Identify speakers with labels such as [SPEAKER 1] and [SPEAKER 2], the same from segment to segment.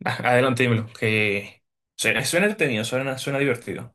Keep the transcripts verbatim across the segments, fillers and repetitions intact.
[SPEAKER 1] Adelante, dímelo, que suena, suena entretenido, suena, suena divertido.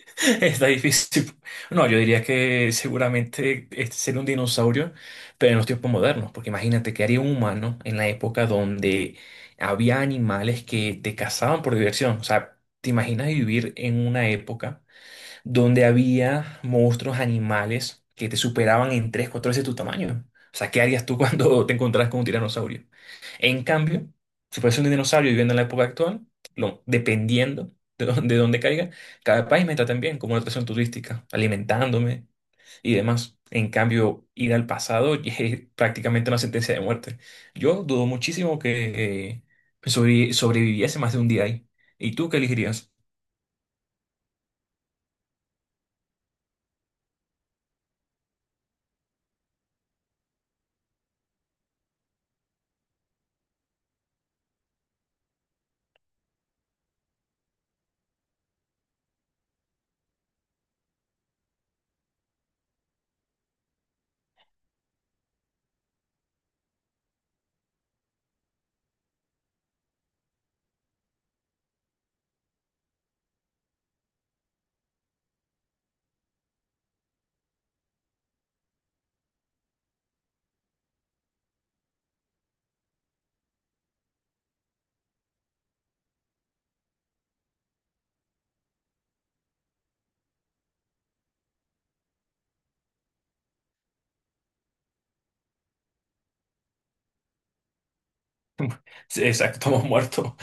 [SPEAKER 1] Está difícil. No, yo diría que seguramente este sería un dinosaurio, pero en los tiempos modernos, porque imagínate que haría un humano en la época donde había animales que te cazaban por diversión. O sea, ¿te imaginas vivir en una época donde había monstruos, animales que te superaban en tres, cuatro veces tu tamaño? O sea, ¿qué harías tú cuando te encontrás con un tiranosaurio? En cambio, si fuese un dinosaurio viviendo en la época actual, lo- dependiendo de dónde, de dónde caiga, cada país me tratan bien como una atracción turística, alimentándome y demás. En cambio, ir al pasado es prácticamente una sentencia de muerte. Yo dudo muchísimo que eh, sobrevi- sobreviviese más de un día ahí. ¿Y tú qué elegirías? Sí, exacto, muerto.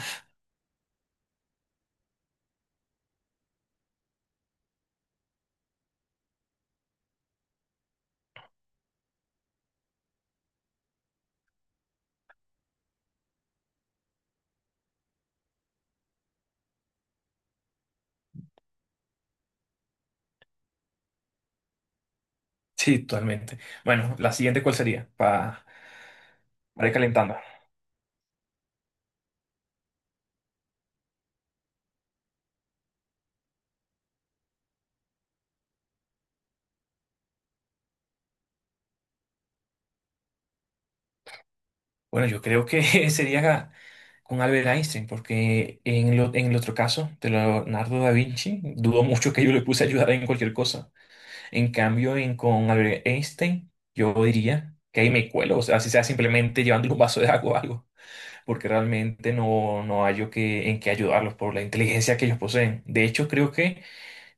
[SPEAKER 1] Sí, totalmente. Bueno, la siguiente, ¿cuál sería? Para ir calentando. Bueno, yo creo que sería con Albert Einstein, porque en, lo- en el otro caso, de Leonardo da Vinci, dudo mucho que yo le puse a ayudar en cualquier cosa. En cambio, en, con Albert Einstein, yo diría que ahí me cuelo, o sea, si sea simplemente llevándole un vaso de agua o algo, porque realmente no, no hallo que, en qué ayudarlos por la inteligencia que ellos poseen. De hecho, creo que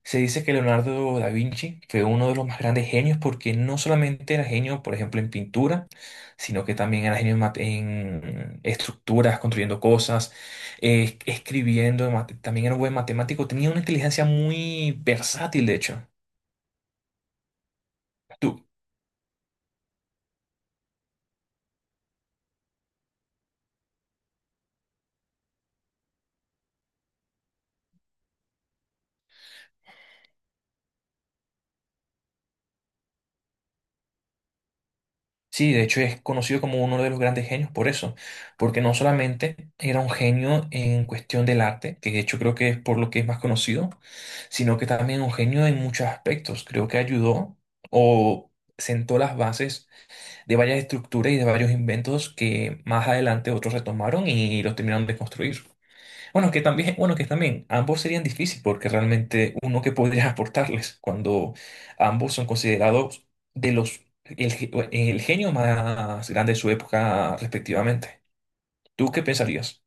[SPEAKER 1] se dice que Leonardo da Vinci fue uno de los más grandes genios porque no solamente era genio, por ejemplo, en pintura, sino que también era genio en, mate- en estructuras, construyendo cosas, eh, escribiendo, mate- también era un buen matemático, tenía una inteligencia muy versátil, de hecho. Sí, de hecho es conocido como uno de los grandes genios por eso, porque no solamente era un genio en cuestión del arte, que de hecho creo que es por lo que es más conocido, sino que también un genio en muchos aspectos. Creo que ayudó o sentó las bases de varias estructuras y de varios inventos que más adelante otros retomaron y los terminaron de construir. Bueno, que también, bueno, que también ambos serían difíciles porque realmente uno que podría aportarles cuando ambos son considerados de los el, ge- el genio más grande de su época respectivamente. ¿Tú qué pensarías?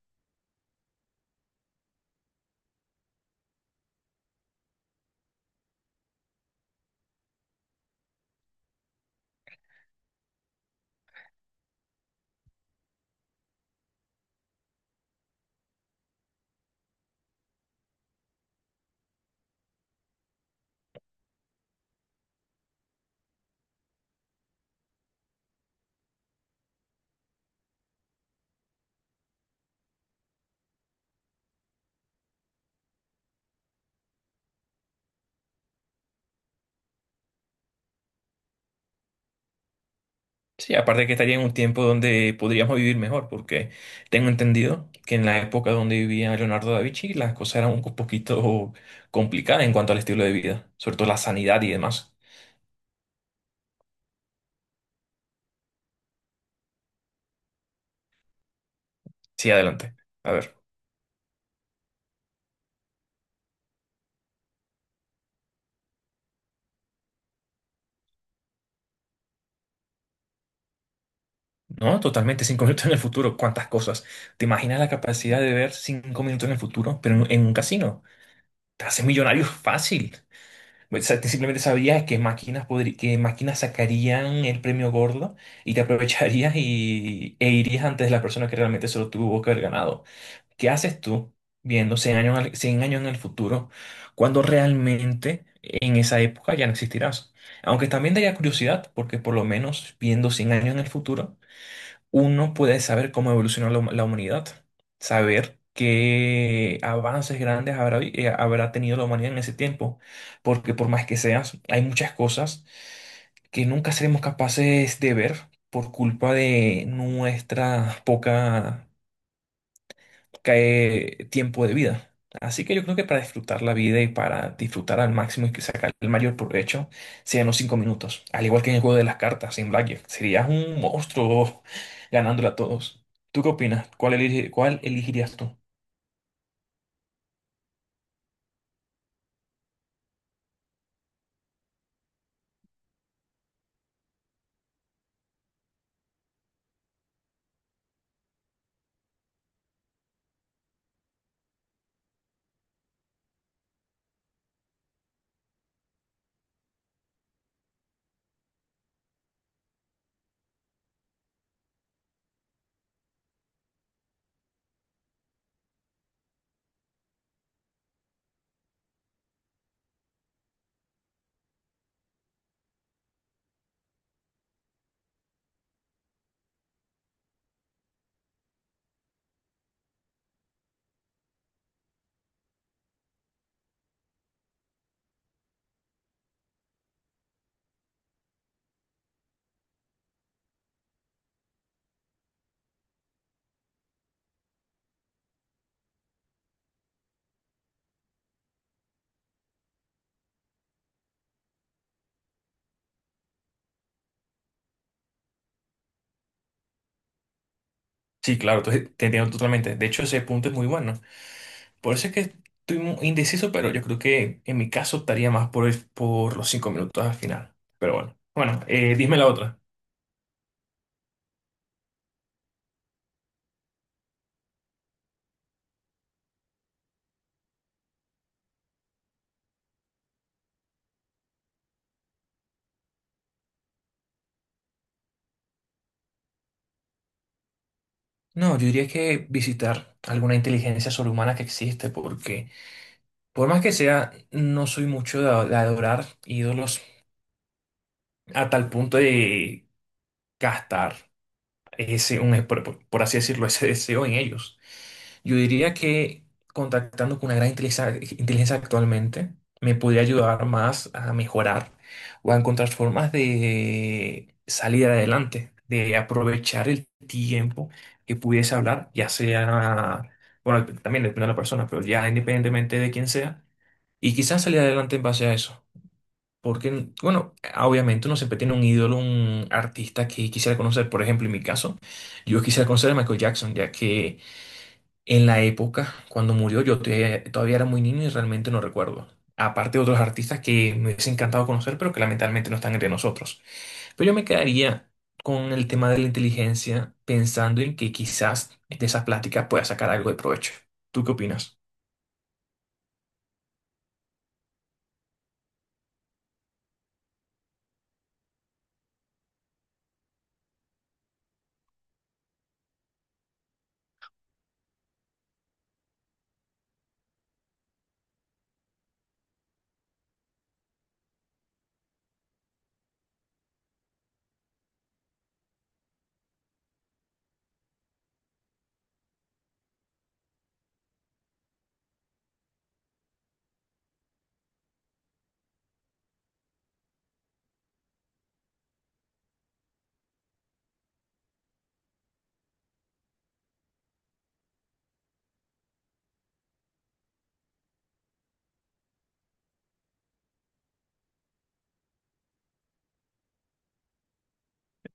[SPEAKER 1] Sí, aparte que estaría en un tiempo donde podríamos vivir mejor, porque tengo entendido que en la época donde vivía Leonardo da Vinci las cosas eran un poquito complicadas en cuanto al estilo de vida, sobre todo la sanidad y demás. Sí, adelante. A ver. No, totalmente, cinco minutos en el futuro, cuántas cosas. ¿Te imaginas la capacidad de ver cinco minutos en el futuro, pero en, en un casino? Te haces millonario fácil. O sea, te simplemente sabrías qué máquinas podri- qué máquinas sacarían el premio gordo y te aprovecharías y, e irías antes de la persona que realmente se lo tuvo que haber ganado. ¿Qué haces tú viendo cien años, al- 100 años en el futuro cuando realmente en esa época ya no existirás? Aunque también daría curiosidad, porque por lo menos viendo cien años en el futuro uno puede saber cómo evolucionó la, hum- la humanidad, saber qué avances grandes habrá, vi- eh, habrá tenido la humanidad en ese tiempo, porque por más que seas, hay muchas cosas que nunca seremos capaces de ver por culpa de nuestra poca cae tiempo de vida. Así que yo creo que para disfrutar la vida y para disfrutar al máximo y que sacar el mayor provecho, sean los cinco minutos. Al igual que en el juego de las cartas, en Blackjack, serías un monstruo ganándole a todos. ¿Tú qué opinas? ¿Cuál elige- cuál elegirías tú? Sí, claro, te te entiendo totalmente. De hecho, ese punto es muy bueno. Por eso es que estoy mu- indeciso, pero yo creo que en mi caso estaría más por, el- por los cinco minutos al final. Pero bueno, bueno, eh, dime la otra. No, yo diría que visitar alguna inteligencia sobrehumana que existe, porque por más que sea, no soy mucho de, de adorar ídolos a tal punto de gastar ese, un, por, por- por así decirlo, ese deseo en ellos. Yo diría que contactando con una gran inteligencia, inteligencia actualmente me podría ayudar más a mejorar o a encontrar formas de salir adelante, de aprovechar el tiempo que pudiese hablar, ya sea, bueno, también depende de la persona, pero ya independientemente de quién sea, y quizás salir adelante en base a eso. Porque, bueno, obviamente uno siempre tiene un ídolo, un artista que quisiera conocer. Por ejemplo, en mi caso, yo quisiera conocer a Michael Jackson, ya que en la época, cuando murió, yo te- todavía era muy niño y realmente no recuerdo. Aparte de otros artistas que me hubiese encantado conocer, pero que lamentablemente no están entre nosotros. Pero yo me quedaría con el tema de la inteligencia, pensando en que quizás de esas pláticas pueda sacar algo de provecho. ¿Tú qué opinas?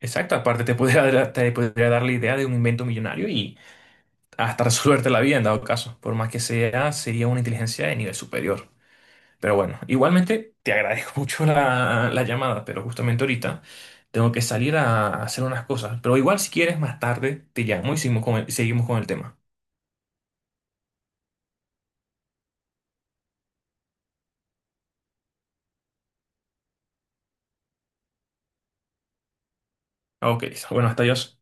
[SPEAKER 1] Exacto, aparte te podría, dar- te podría dar la idea de un invento millonario y hasta resolverte la vida en dado caso. Por más que sea, sería una inteligencia de nivel superior. Pero bueno, igualmente te agradezco mucho la, la llamada, pero justamente ahorita tengo que salir a hacer unas cosas. Pero igual si quieres más tarde te llamo y seguimos con el, seguimos con el tema. Ok, listo. Bueno, hasta adiós.